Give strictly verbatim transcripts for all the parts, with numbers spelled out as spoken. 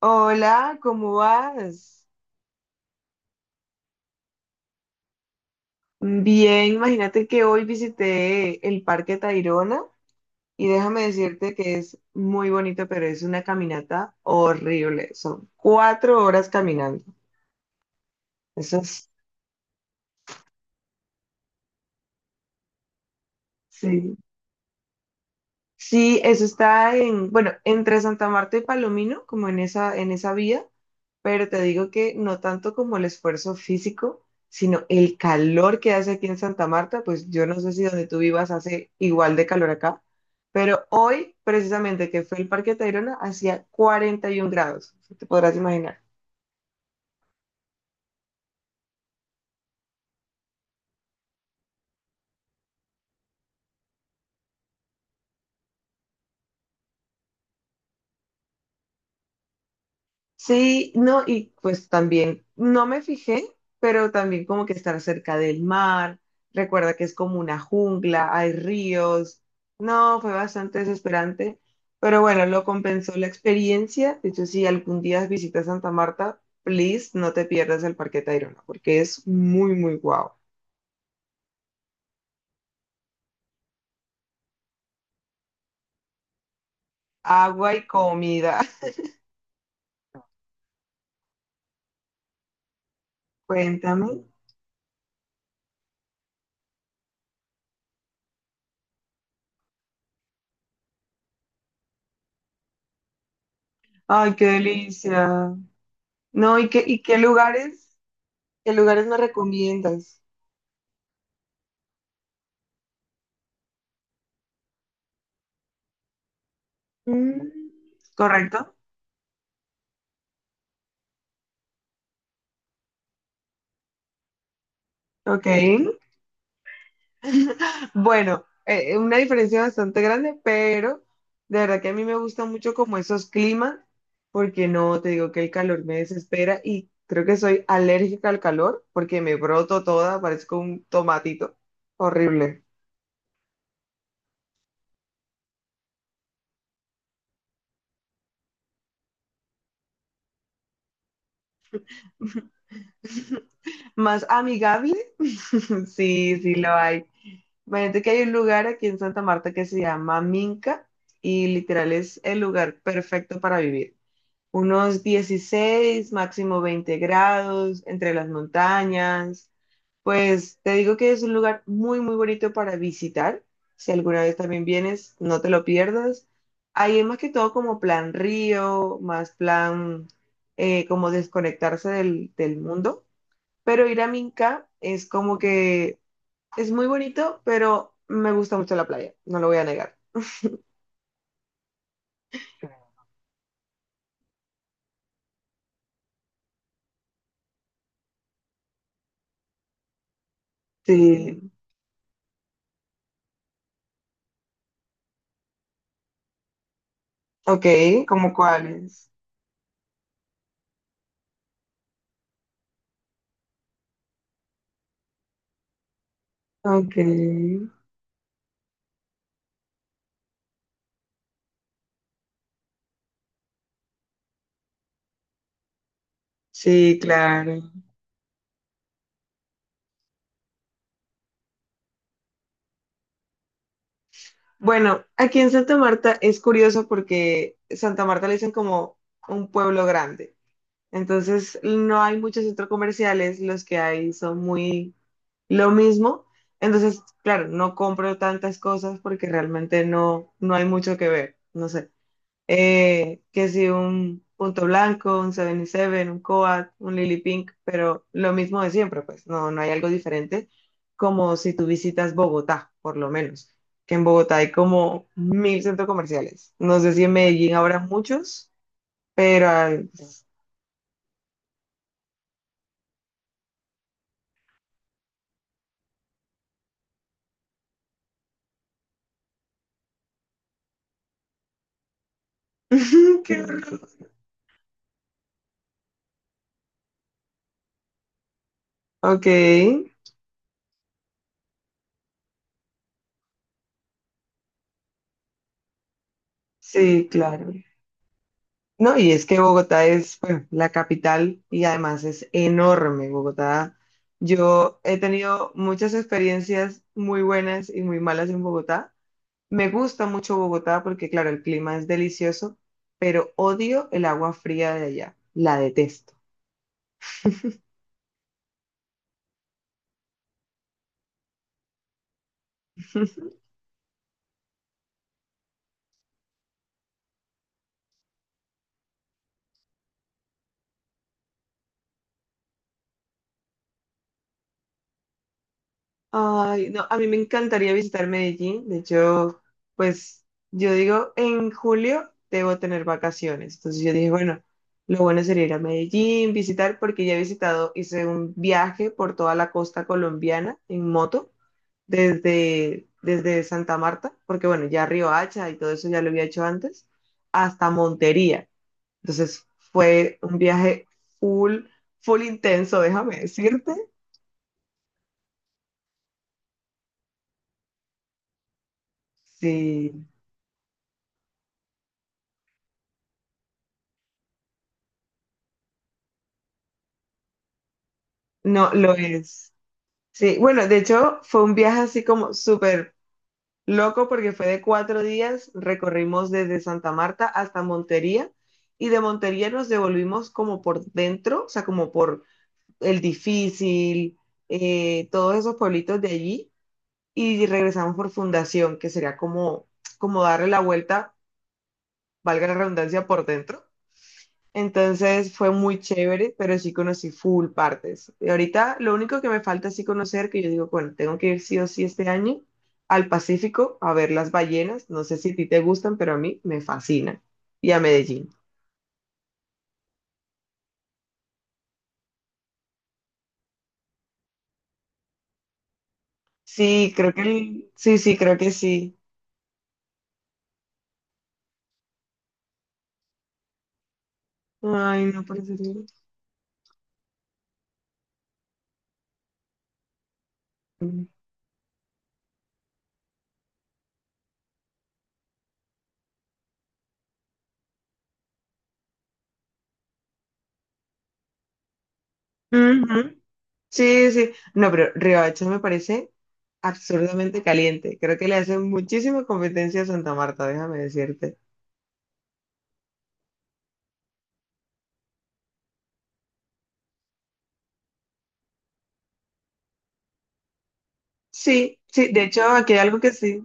Hola, ¿cómo vas? Bien, imagínate que hoy visité el Parque Tayrona y déjame decirte que es muy bonito, pero es una caminata horrible. Son cuatro horas caminando. Eso es, sí. Sí, eso está en, bueno, entre Santa Marta y Palomino, como en esa, en esa vía, pero te digo que no tanto como el esfuerzo físico, sino el calor que hace aquí en Santa Marta, pues yo no sé si donde tú vivas hace igual de calor acá, pero hoy, precisamente que fue el Parque Tayrona, hacía 41 grados, te podrás imaginar. Sí, no, y pues también, no me fijé, pero también como que estar cerca del mar, recuerda que es como una jungla, hay ríos, no, fue bastante desesperante, pero bueno, lo compensó la experiencia, de hecho, si algún día visitas Santa Marta, please, no te pierdas el Parque Tayrona, porque es muy, muy guau. Agua y comida, cuéntame. Ay, qué delicia. No, ¿y qué, y qué lugares, qué lugares me recomiendas? Mm, correcto, ok. Bueno, eh, una diferencia bastante grande, pero de verdad que a mí me gustan mucho como esos climas, porque no, te digo que el calor me desespera y creo que soy alérgica al calor porque me broto toda, parezco un tomatito. Horrible. Más amigable, sí, sí lo hay. Imagínate que hay un lugar aquí en Santa Marta que se llama Minca y literal es el lugar perfecto para vivir. Unos dieciséis, máximo veinte grados, entre las montañas. Pues te digo que es un lugar muy, muy bonito para visitar. Si alguna vez también vienes, no te lo pierdas. Ahí es más que todo como plan río, más plan eh, como desconectarse del, del mundo. Pero ir a Minca es como que es muy bonito, pero me gusta mucho la playa, no lo voy a negar. Sí, ok, ¿como cuáles? Ok. Sí, claro. Bueno, aquí en Santa Marta es curioso porque Santa Marta le dicen como un pueblo grande. Entonces no hay muchos centros comerciales, los que hay son muy lo mismo. Entonces, claro, no compro tantas cosas porque realmente no, no hay mucho que ver. No sé. eh, que si un Punto Blanco, un setenta y siete, un Coat, un Lily Pink, pero lo mismo de siempre, pues no, no hay algo diferente, como si tú visitas Bogotá, por lo menos, que en Bogotá hay como mil centros comerciales. No sé si en Medellín habrá muchos, pero... ay, qué horror. Ok, sí, claro. No, y es que Bogotá es, bueno, la capital y además es enorme Bogotá. Yo he tenido muchas experiencias muy buenas y muy malas en Bogotá. Me gusta mucho Bogotá porque, claro, el clima es delicioso, pero odio el agua fría de allá. La detesto. Ay, no, a mí me encantaría visitar Medellín. De hecho, pues yo digo, en julio debo tener vacaciones. Entonces yo dije, bueno, lo bueno sería ir a Medellín, visitar, porque ya he visitado, hice un viaje por toda la costa colombiana en moto, desde, desde Santa Marta, porque bueno, ya Hacha y todo eso ya lo había hecho antes, hasta Montería. Entonces fue un viaje full, full intenso, déjame decirte. Sí, no, lo es. Sí, bueno, de hecho fue un viaje así como súper loco porque fue de cuatro días, recorrimos desde Santa Marta hasta Montería y de Montería nos devolvimos como por dentro, o sea, como por El Difícil, eh, todos esos pueblitos de allí y regresamos por Fundación, que sería como, como darle la vuelta, valga la redundancia, por dentro, entonces fue muy chévere, pero sí conocí full partes. Y ahorita lo único que me falta así conocer, que yo digo, bueno, tengo que ir sí o sí este año al Pacífico a ver las ballenas. No sé si a ti te gustan, pero a mí me fascinan. Y a Medellín. Sí, creo que el- sí, sí, creo que sí. Ay, no parece. Ujú. Sí, sí. No, pero Riohacha me parece absurdamente caliente. Creo que le hace muchísima competencia a Santa Marta, déjame decirte. Sí, sí, de hecho, aquí hay algo que sí.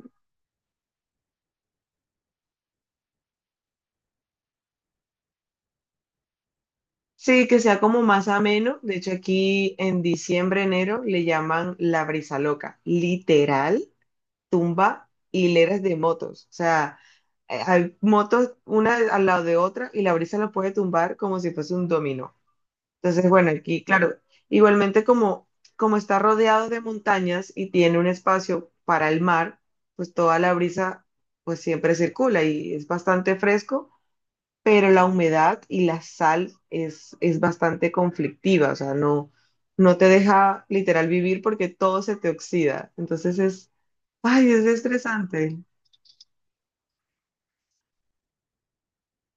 Sí, que sea como más ameno. De hecho, aquí en diciembre, enero, le llaman la brisa loca. Literal, tumba hileras de motos. O sea, eh, hay motos una al lado de otra y la brisa la puede tumbar como si fuese un dominó. Entonces, bueno, aquí, claro, igualmente como, como está rodeado de montañas y tiene un espacio para el mar, pues toda la brisa pues siempre circula y es bastante fresco, pero la humedad y la sal es, es bastante conflictiva, o sea, no, no te deja literal vivir porque todo se te oxida. Entonces es, ay, es estresante.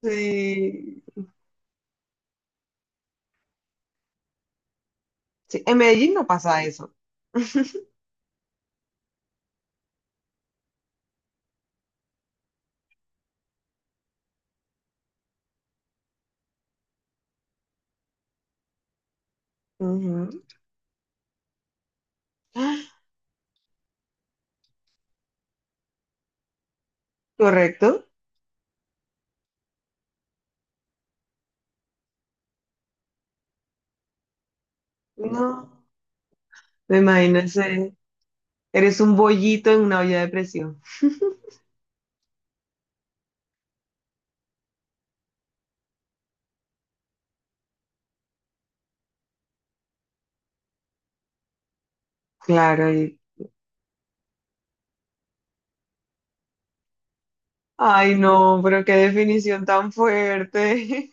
Sí, sí, en Medellín no pasa eso. Ujú. ¿Correcto? No, me imagino ese, eres un bollito en una olla de presión. Claro, y, ay, no, pero qué definición tan fuerte.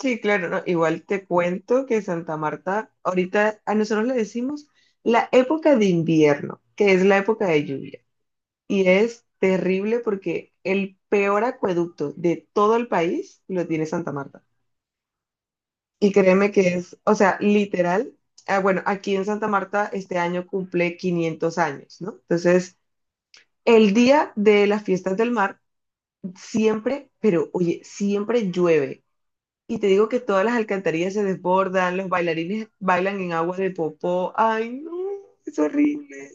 Sí, claro, ¿no? Igual te cuento que Santa Marta, ahorita a nosotros le decimos la época de invierno, que es la época de lluvia. Y es terrible porque el peor acueducto de todo el país lo tiene Santa Marta. Y créeme que es, o sea, literal, ah, bueno, aquí en Santa Marta este año cumple 500 años, ¿no? Entonces, el día de las fiestas del mar siempre, pero oye, siempre llueve. Y te digo que todas las alcantarillas se desbordan, los bailarines bailan en agua de popó. Ay, no, es horrible.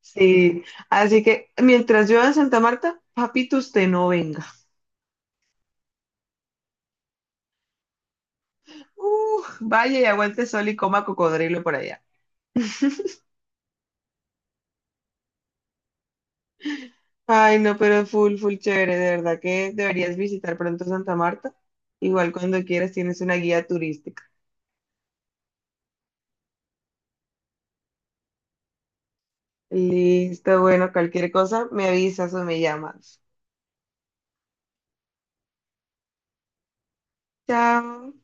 Sí, así que mientras llueva en Santa Marta, papito, usted no venga. Uh, vaya y aguante sol y coma cocodrilo por allá. Ay, no, pero full, full chévere, de verdad que deberías visitar pronto Santa Marta. Igual cuando quieras tienes una guía turística. Listo, bueno, cualquier cosa me avisas o me llamas. Chao.